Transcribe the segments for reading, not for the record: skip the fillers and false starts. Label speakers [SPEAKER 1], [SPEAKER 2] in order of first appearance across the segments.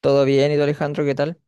[SPEAKER 1] ¿Todo bien? ¿Y tú, Alejandro, qué tal?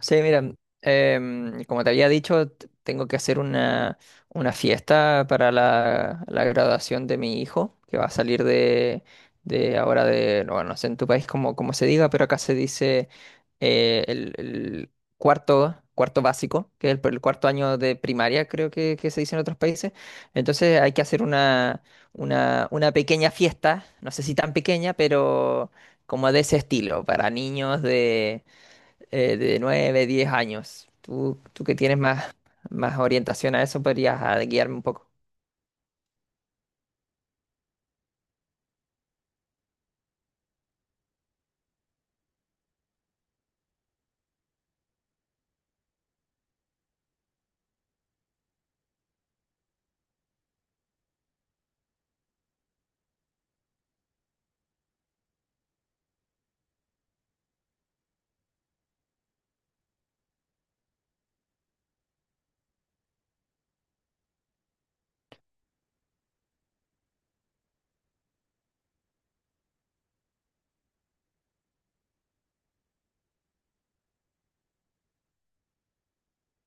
[SPEAKER 1] Sí, mira, como te había dicho, tengo que hacer una fiesta para la graduación de mi hijo, que va a salir de ahora de, no, no sé en tu país cómo se diga, pero acá se dice el cuarto básico, que es el cuarto año de primaria, creo que se dice en otros países. Entonces hay que hacer una pequeña fiesta, no sé si tan pequeña, pero como de ese estilo, para niños de 9 10 años. Tú que tienes más, más orientación a eso, podrías guiarme un poco.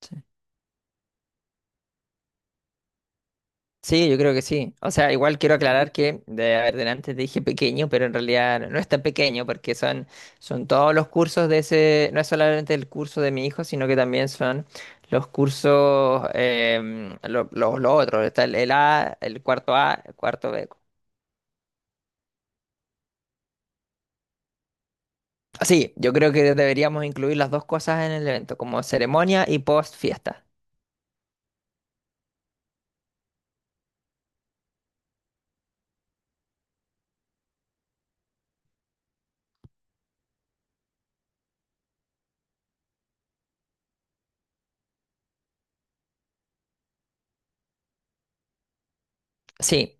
[SPEAKER 1] Sí. Sí, yo creo que sí. O sea, igual quiero aclarar que, de, a ver, delante te dije pequeño, pero en realidad no es tan pequeño porque son, son todos los cursos de ese, no es solamente el curso de mi hijo, sino que también son los cursos, los otros, está el A, el cuarto B. Sí, yo creo que deberíamos incluir las dos cosas en el evento, como ceremonia y post fiesta. Sí,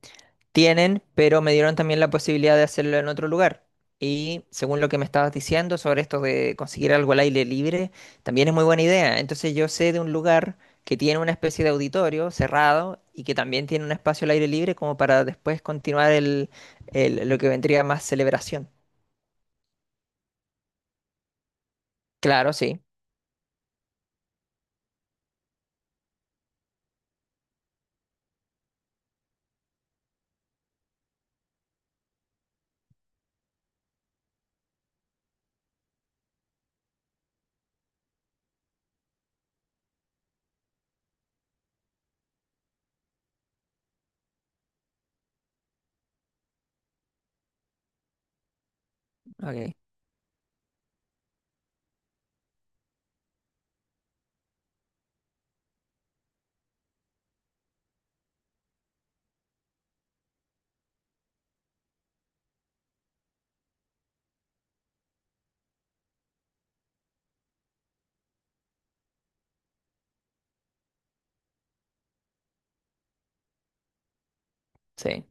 [SPEAKER 1] tienen, pero me dieron también la posibilidad de hacerlo en otro lugar. Y según lo que me estabas diciendo sobre esto de conseguir algo al aire libre, también es muy buena idea. Entonces yo sé de un lugar que tiene una especie de auditorio cerrado y que también tiene un espacio al aire libre como para después continuar lo que vendría más celebración. Claro, sí. Ok, sí.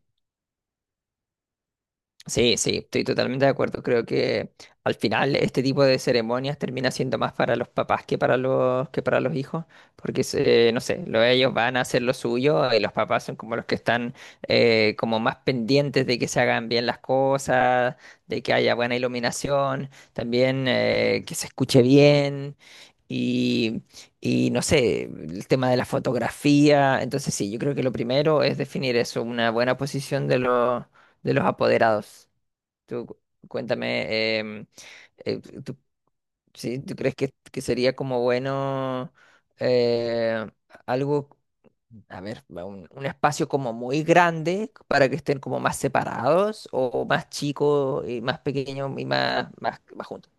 [SPEAKER 1] Sí, sí, estoy totalmente de acuerdo. Creo que al final este tipo de ceremonias termina siendo más para los papás que para los hijos, porque no sé, ellos van a hacer lo suyo y los papás son como los que están como más pendientes de que se hagan bien las cosas, de que haya buena iluminación, también que se escuche bien y y no sé, el tema de la fotografía. Entonces sí, yo creo que lo primero es definir eso, una buena posición de los apoderados. Tú cu- cuéntame, tú, sí, ¿tú crees que sería como bueno eh, algo, a ver, va, un espacio como muy grande para que estén como más separados o más chicos y más pequeños y más, más juntos?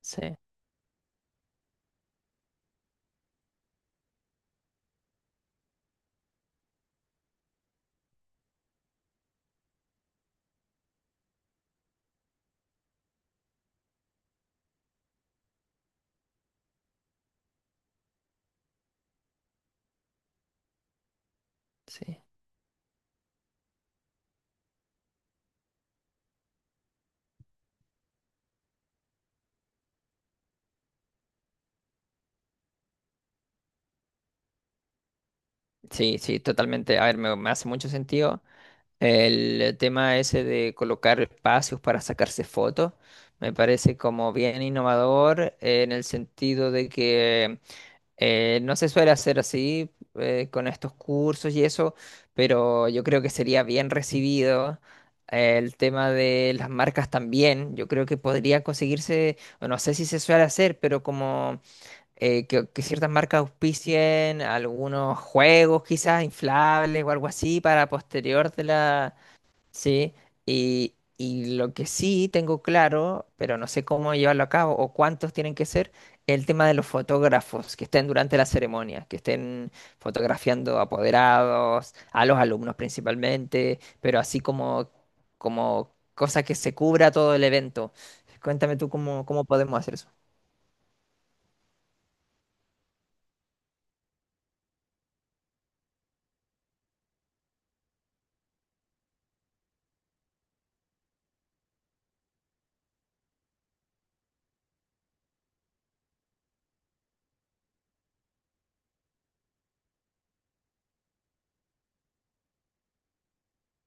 [SPEAKER 1] Sí, sí. Sí, sí, totalmente. A ver, me hace mucho sentido. El tema ese de colocar espacios para sacarse fotos me parece como bien innovador en el sentido de que no se suele hacer así con estos cursos y eso, pero yo creo que sería bien recibido. El tema de las marcas también, yo creo que podría conseguirse, o no sé si se suele hacer, pero como que ciertas marcas auspicien algunos juegos quizás inflables o algo así para posterior de la, Sí, y lo que sí tengo claro, pero no sé cómo llevarlo a cabo o cuántos tienen que ser, el tema de los fotógrafos que estén durante la ceremonia, que estén fotografiando apoderados, a los alumnos principalmente, pero así como, como cosa que se cubra todo el evento. Cuéntame tú cómo, cómo podemos hacer eso.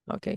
[SPEAKER 1] Ok.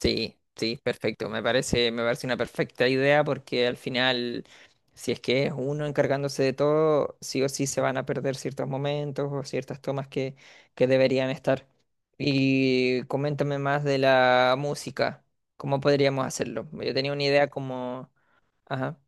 [SPEAKER 1] Sí, sí, perfecto. Me parece una perfecta idea porque al final, si es que es uno encargándose de todo, sí o sí se van a perder ciertos momentos o ciertas tomas que deberían estar. Y coméntame más de la música. ¿Cómo podríamos hacerlo? Yo tenía una idea como... Ajá,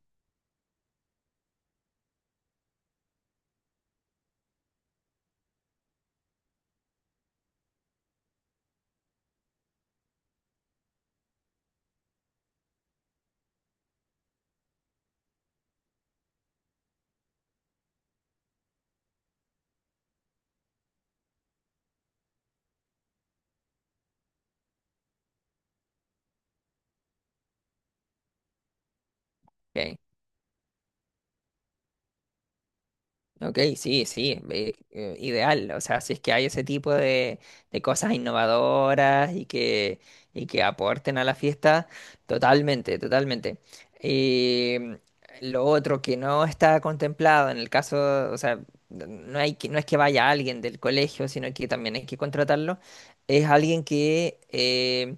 [SPEAKER 1] ok. Ok, sí, sí, ideal. O sea, si es que hay ese tipo de cosas innovadoras y que aporten a la fiesta, totalmente, totalmente. Em, lo otro que no está contemplado en el caso, o sea, no hay que, no es que vaya alguien del colegio, sino que también hay que contratarlo, es alguien que, eh,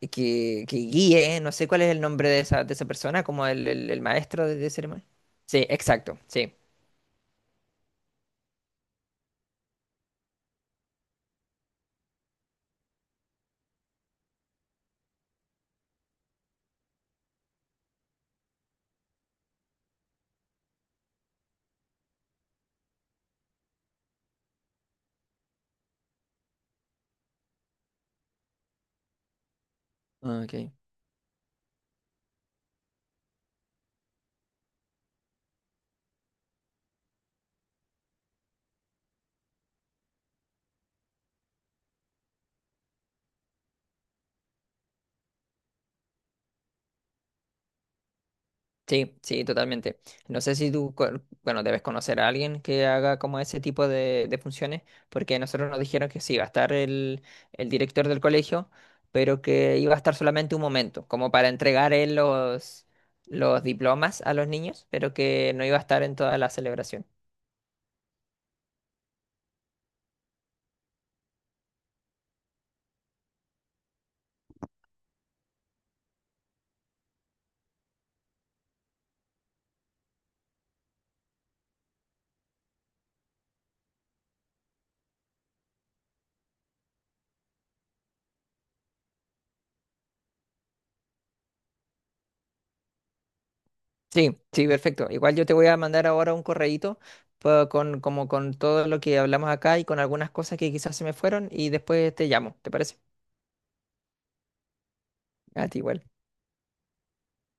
[SPEAKER 1] que, que guíe, no sé cuál es el nombre de esa persona, como el maestro de ceremonia. Sí, exacto, sí. Ok. Sí, sí, totalmente. No sé si tú, bueno, debes conocer a alguien que haga como ese tipo de funciones, porque nosotros nos dijeron que sí, iba a estar el director del colegio, pero que iba a estar solamente un momento, como para entregar él los diplomas a los niños, pero que no iba a estar en toda la celebración. Sí, sí, perfecto. Igual yo te voy a mandar ahora un correíto con, como con todo lo que hablamos acá y con algunas cosas que quizás se me fueron y después te llamo, ¿te parece? A ti igual.